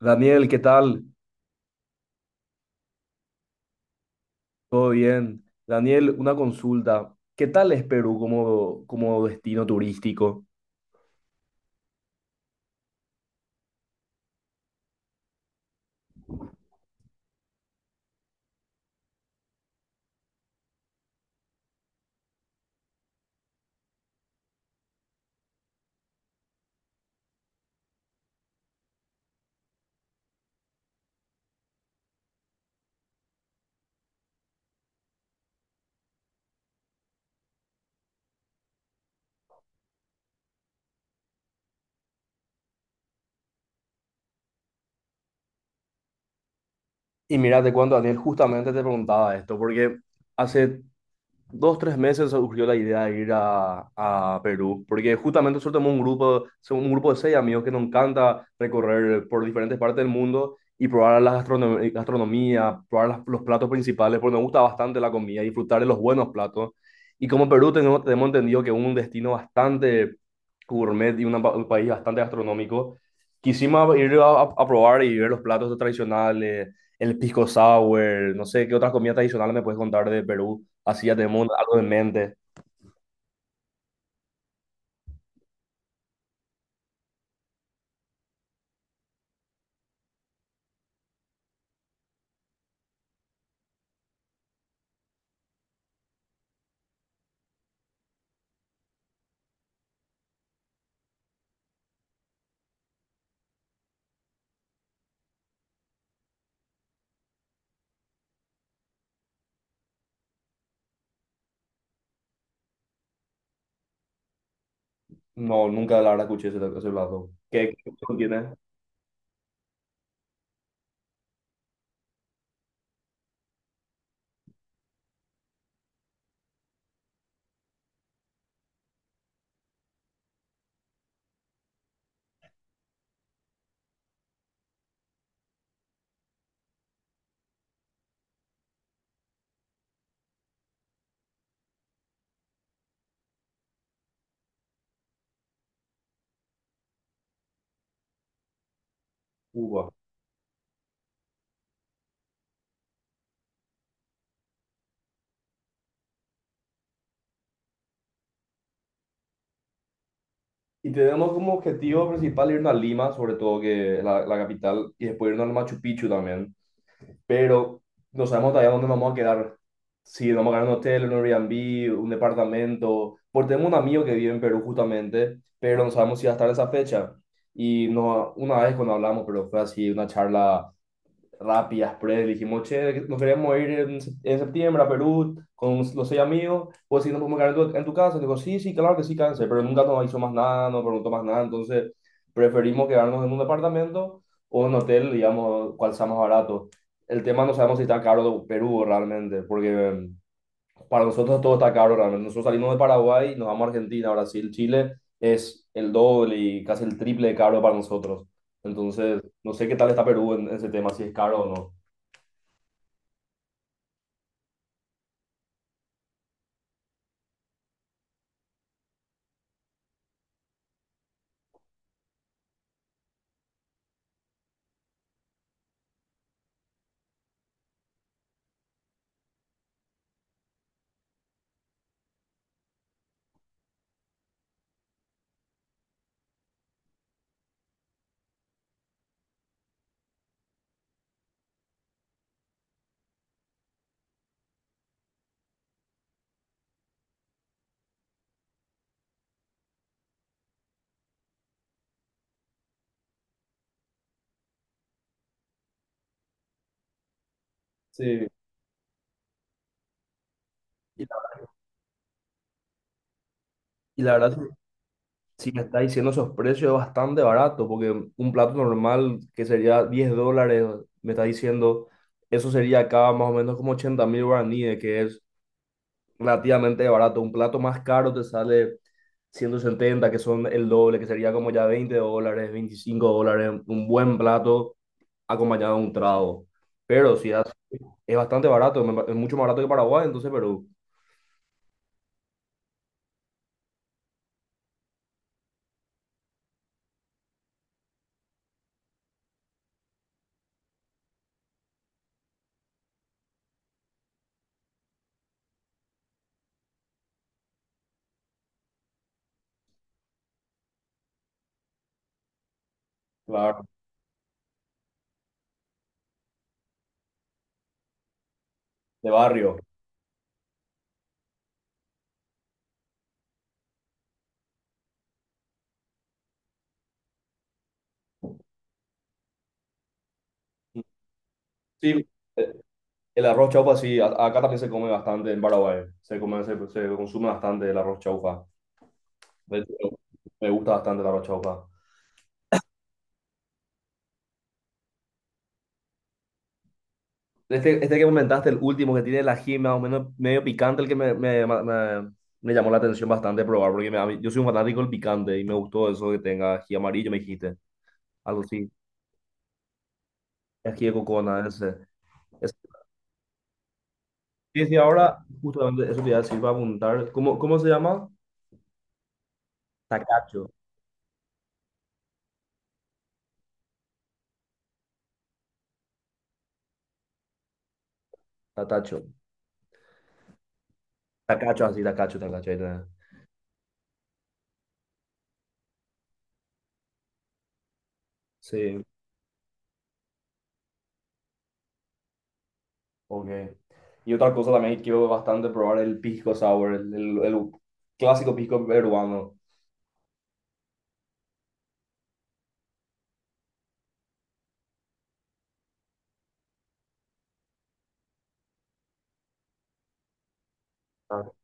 Daniel, ¿qué tal? ¿Todo bien? Daniel, una consulta. ¿Qué tal es Perú como destino turístico? Y mira, te cuento, Daniel, justamente te preguntaba esto, porque hace 2, 3 meses surgió la idea de ir a Perú, porque justamente nosotros tenemos un grupo, somos un grupo de seis amigos que nos encanta recorrer por diferentes partes del mundo y probar la gastronomía, probar los platos principales, porque nos gusta bastante la comida, disfrutar de los buenos platos. Y como Perú tenemos entendido que es un destino bastante gourmet y un país bastante gastronómico, quisimos ir a probar y ver los platos tradicionales, el pisco sour, no sé qué otras comidas tradicionales me puedes contar de Perú. Así ya tenemos algo en mente. No, nunca la verdad escuché ese plato. ¿Qué opción tiene Cuba? Y tenemos como objetivo principal irnos a Lima, sobre todo que es la capital, y después irnos al Machu Picchu también. Pero no sabemos todavía dónde nos vamos a quedar. Si nos vamos a quedar en un hotel, en un Airbnb, un departamento. Porque tenemos un amigo que vive en Perú justamente, pero no sabemos si va a estar en esa fecha. Y no, una vez cuando hablamos, pero fue así una charla rápidas, pre, dijimos, che, nos queremos ir en septiembre a Perú con los seis amigos, pues si nos podemos quedar en tu casa, digo, sí, sí, claro que sí, cáncer, pero nunca nos hizo más nada, no preguntó más nada, entonces preferimos quedarnos en un departamento o en un hotel, digamos, cual sea más barato. El tema no sabemos si está caro Perú realmente, porque para nosotros todo está caro realmente. Nosotros salimos de Paraguay, nos vamos a Argentina, Brasil, Chile, es el doble y casi el triple de caro para nosotros. Entonces, no sé qué tal está Perú en ese tema, si es caro o no. Sí. Y la, y la verdad, si me está diciendo esos precios es bastante barato, porque un plato normal que sería $10, me está diciendo, eso sería acá más o menos como 80.000 guaraníes, que es relativamente barato. Un plato más caro te sale 170, que son el doble, que sería como ya $20, $25, un buen plato acompañado de un trago. Pero si es bastante barato, es mucho más barato que Paraguay, entonces Perú, claro. De barrio. Sí. El arroz chaufa, sí, a- acá también se come bastante en Paraguay. Se consume bastante el arroz chaufa. De hecho, me gusta bastante el arroz chaufa. Este que comentaste, el último que tiene el ají, más o menos medio picante, el que me llamó la atención bastante probar, porque yo soy un fanático del picante y me gustó eso que tenga ají amarillo, me dijiste. Algo así, ají de cocona, ese. Ese. Sí, sí, ahora justamente eso te iba a decir para apuntar. ¿Cómo se llama? Tacacho, tacacho. Tacacho, así, tacacho, tacacho. Ahí tenés. Sí. Ok. Y otra cosa también que quiero bastante probar el pisco sour, el clásico pisco peruano. Ah,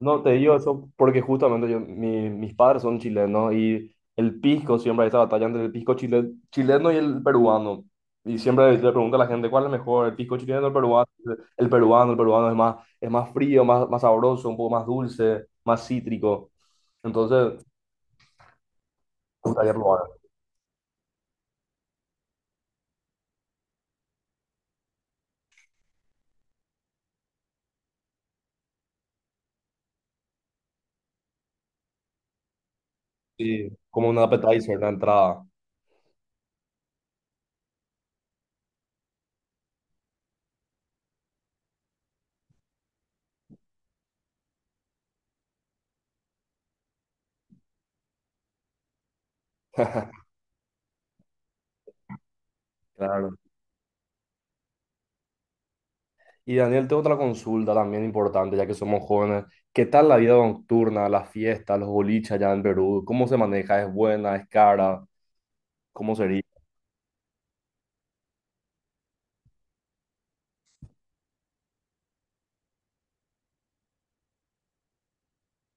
no, te digo eso porque justamente yo, mis padres son chilenos y el pisco, siempre hay esa batalla entre el pisco chileno y el peruano. Y siempre le pregunto a la gente, ¿cuál es mejor, el pisco chileno o el peruano? El peruano, el peruano es más frío, más sabroso, un poco más dulce, más cítrico. Entonces, me gustaría probar. Sí, como un appetizer, la entrada. Claro. Y Daniel, tengo otra consulta también importante, ya que somos jóvenes. ¿Qué tal la vida nocturna, las fiestas, los boliches allá en Perú? ¿Cómo se maneja? ¿Es buena? ¿Es cara? ¿Cómo sería?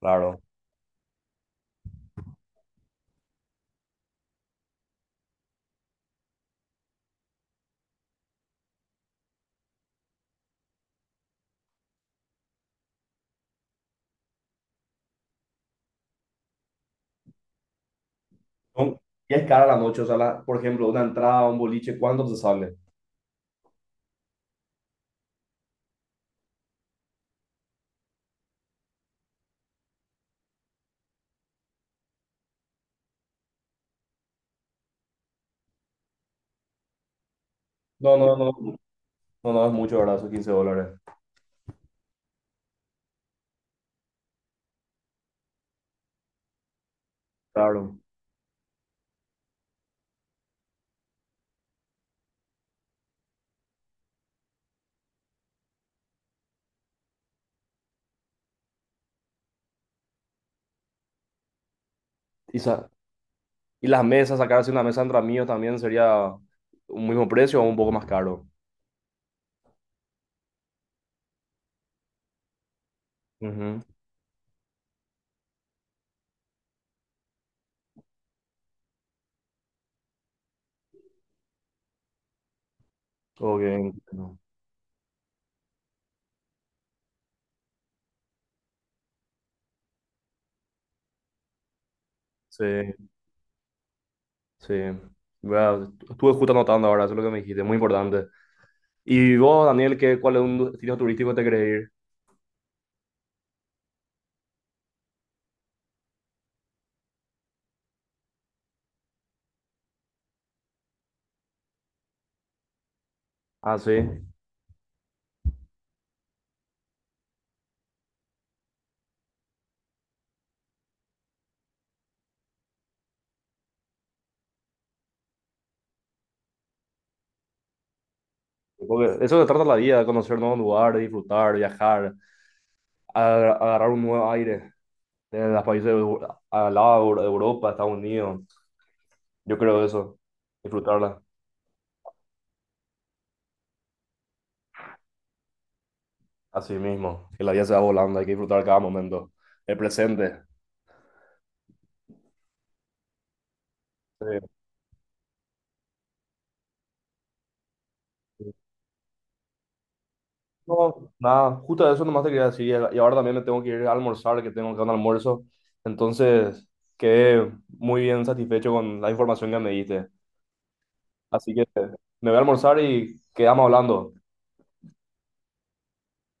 Claro. No. Y es cara la noche, o sea, por ejemplo, una entrada a un boliche, ¿cuánto te sale? No, no, no, no, no es mucho, ¿verdad? Son $15. Claro. Y, sa- y las mesas, sacarse una mesa entre amigos también sería un mismo precio o un poco más caro. Ujú. Ok, entiendo. Sí, sí. Bueno, estuve justo anotando ahora, eso es lo que me dijiste, muy importante. Y vos, Daniel, cuál es un destino turístico que te querés ir? Ah, sí. Porque eso se trata la vida, de conocer nuevos lugares, disfrutar, viajar, agarrar un nuevo aire de los países al lado de Europa, Estados Unidos. Yo creo eso, disfrutarla a sí mismo. Que la vida se va volando, hay que disfrutar cada momento, el presente. Sí. No, nada, justo eso nomás te quería decir. Y ahora también me tengo que ir a almorzar, que tengo que un almuerzo. Entonces, quedé muy bien satisfecho con la información que me diste. Así que me voy a almorzar y quedamos hablando.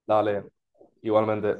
Dale, igualmente.